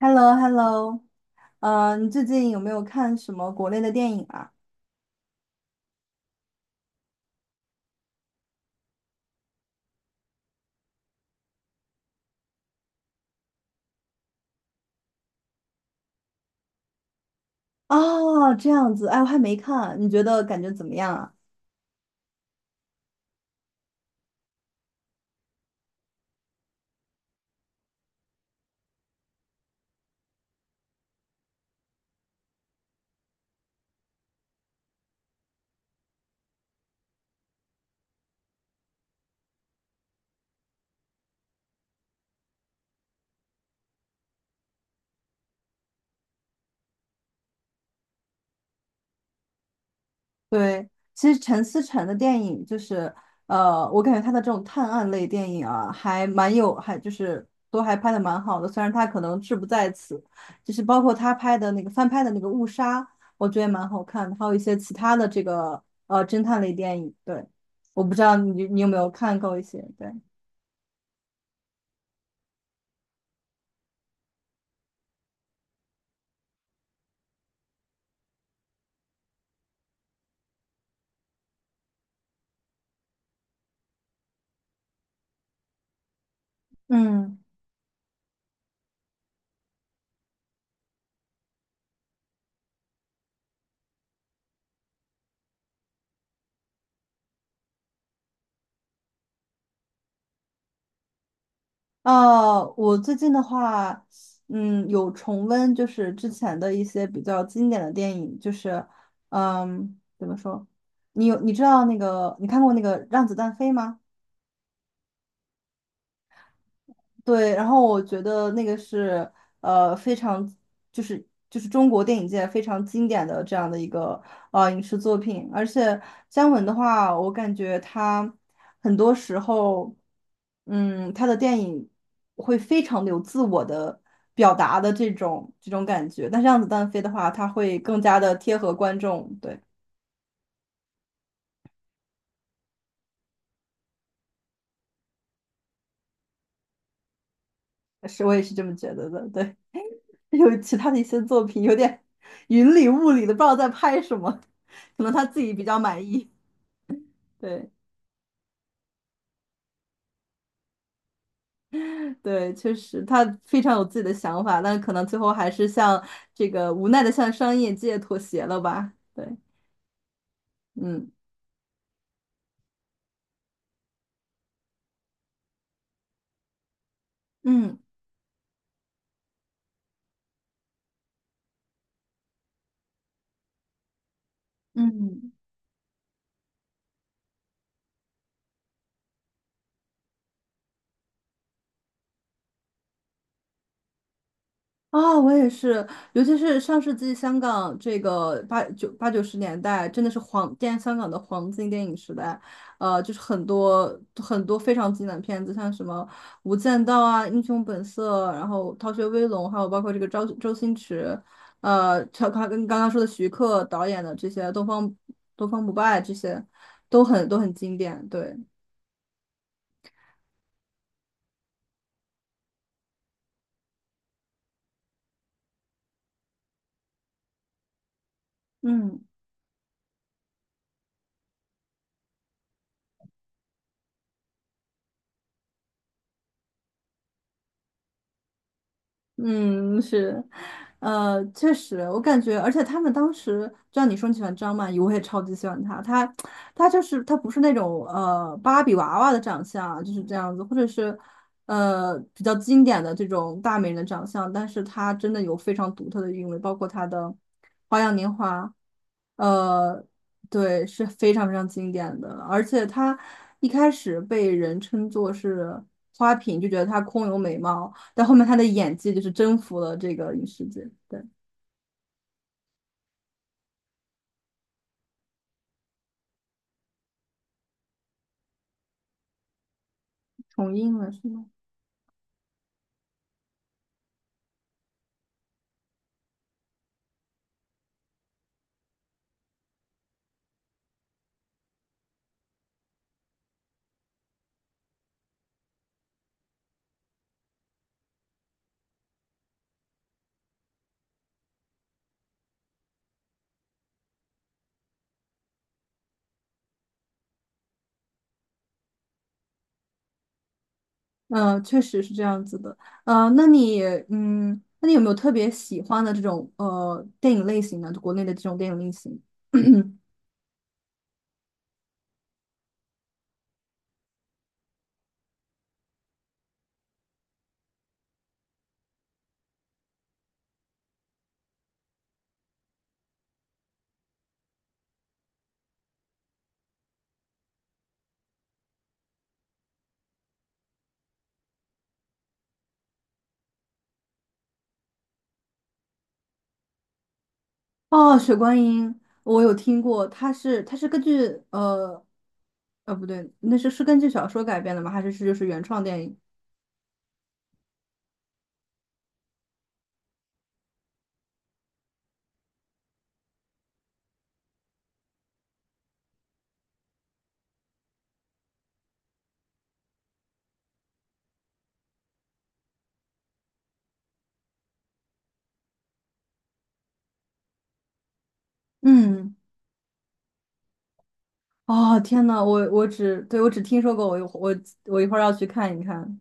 h e l l o h e l l o。 你最近有没有看什么国内的电影啊？哦，这样子，哎，我还没看，你觉得感觉怎么样啊？对，其实陈思诚的电影就是，我感觉他的这种探案类电影啊，还蛮有，还就是都还拍的蛮好的，虽然他可能志不在此，就是包括他拍的那个翻拍的那个《误杀》，我觉得也蛮好看的，还有一些其他的这个侦探类电影，对，我不知道你有没有看过一些，对，嗯。我最近的话，有重温就是之前的一些比较经典的电影，就是，怎么说？你知道那个你看过那个《让子弹飞》吗？对，然后我觉得那个是非常就是就是中国电影界非常经典的这样的一个影视作品，而且姜文的话，我感觉他很多时候，他的电影会非常有自我的表达的这种感觉，但是《让子弹飞》的话，他会更加的贴合观众，对，是我也是这么觉得的，对。有其他的一些作品有点云里雾里的，不知道在拍什么，可能他自己比较满意。对对，确实他非常有自己的想法，但可能最后还是向这个无奈的向商业界妥协了吧？对，嗯嗯嗯。啊，我也是，尤其是上世纪香港这个八九八九十年代，真的是香港的黄金电影时代，就是很多很多非常经典的片子，像什么《无间道》啊，《英雄本色》，然后《逃学威龙》，还有包括这个周星驰，他刚跟刚刚说的徐克导演的这些《东方不败》这些，都很经典，对，嗯。嗯，是，确实，我感觉，而且他们当时，就像你说你喜欢张曼玉，我也超级喜欢她。她不是那种芭比娃娃的长相，就是这样子，或者是比较经典的这种大美人的长相，但是她真的有非常独特的韵味，包括她的《花样年华》，呃，对，是非常非常经典的。而且她一开始被人称作是花瓶，就觉得她空有美貌。但后面他的演技就是征服了这个影视界，对，重映了是吗？嗯，确实是这样子的。呃，那你，那你有没有特别喜欢的这种电影类型呢？就国内的这种电影类型？哦，《雪观音》我有听过，它是根据不对，那是根据小说改编的吗？还是就是原创电影？嗯，哦天呐，我只听说过，我一会儿要去看一看。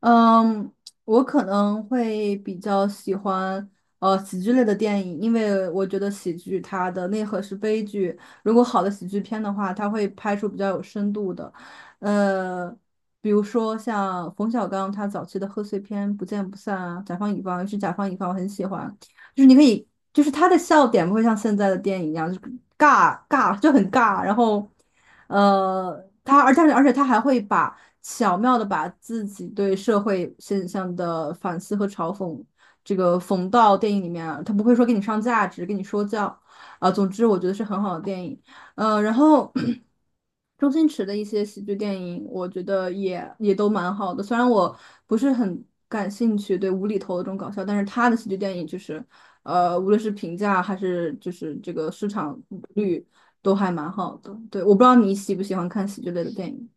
嗯，我可能会比较喜欢喜剧类的电影，因为我觉得喜剧它的内核是悲剧。如果好的喜剧片的话，它会拍出比较有深度的，呃，比如说像冯小刚他早期的贺岁片《不见不散》啊，《甲方乙方》，尤其是《甲方乙方》，我很喜欢，就是你可以，就是他的笑点不会像现在的电影一样，就是尬尬就很尬，然后他而且而且他还会把。巧妙的把自己对社会现象的反思和嘲讽，这个缝到电影里面啊，他不会说给你上价值，跟你说教，啊、总之我觉得是很好的电影，然后 周星驰的一些喜剧电影，我觉得也都蛮好的，虽然我不是很感兴趣对无厘头的这种搞笑，但是他的喜剧电影就是，无论是评价还是就是这个市场率都还蛮好的，对，我不知道你喜不喜欢看喜剧类的电影。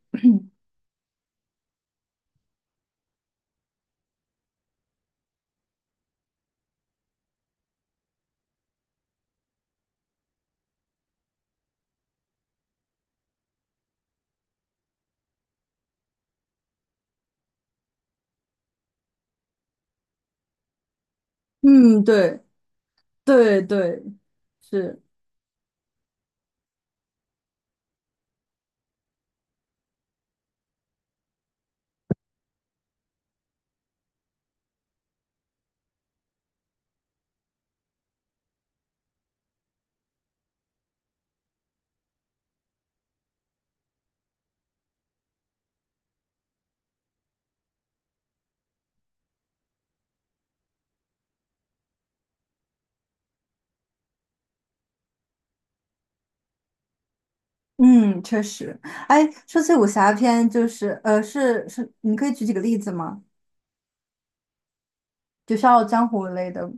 嗯，对，对对，是，嗯，确实。哎，说起武侠片，就是是是，你可以举几个例子吗？就《笑傲江湖》类的，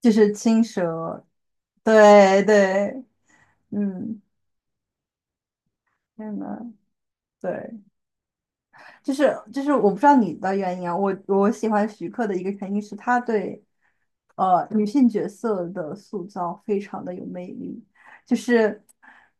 就是青蛇。对对，嗯，天呐，对。就是我不知道你的原因啊，我喜欢徐克的一个原因是他对女性角色的塑造非常的有魅力，就是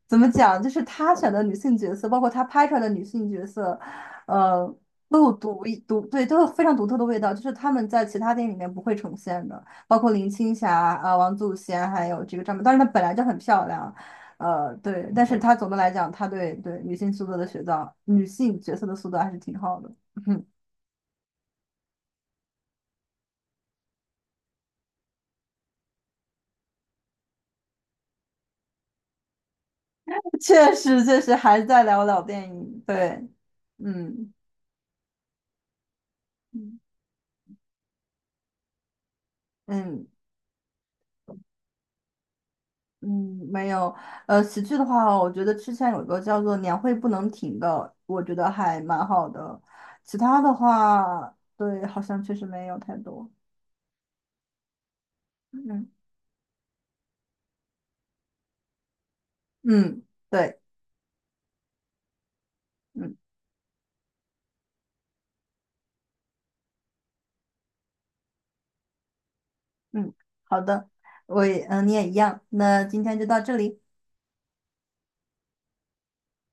怎么讲，就是他选的女性角色，包括他拍出来的女性角色，呃，都有独一独对都有非常独特的味道，就是他们在其他电影里面不会呈现的，包括林青霞啊、王祖贤还有这个张曼，当然她本来就很漂亮。对，但是他总的来讲，他对女性塑造的塑造，女性角色的塑造还是挺好的。嗯，确实，确实还在聊老电影。对，嗯嗯嗯嗯，没有。喜剧的话，我觉得之前有一个叫做《年会不能停》的，我觉得还蛮好的。其他的话，对，好像确实没有太多。嗯嗯，对，嗯嗯，好的，我也你也一样。那今天就到这里。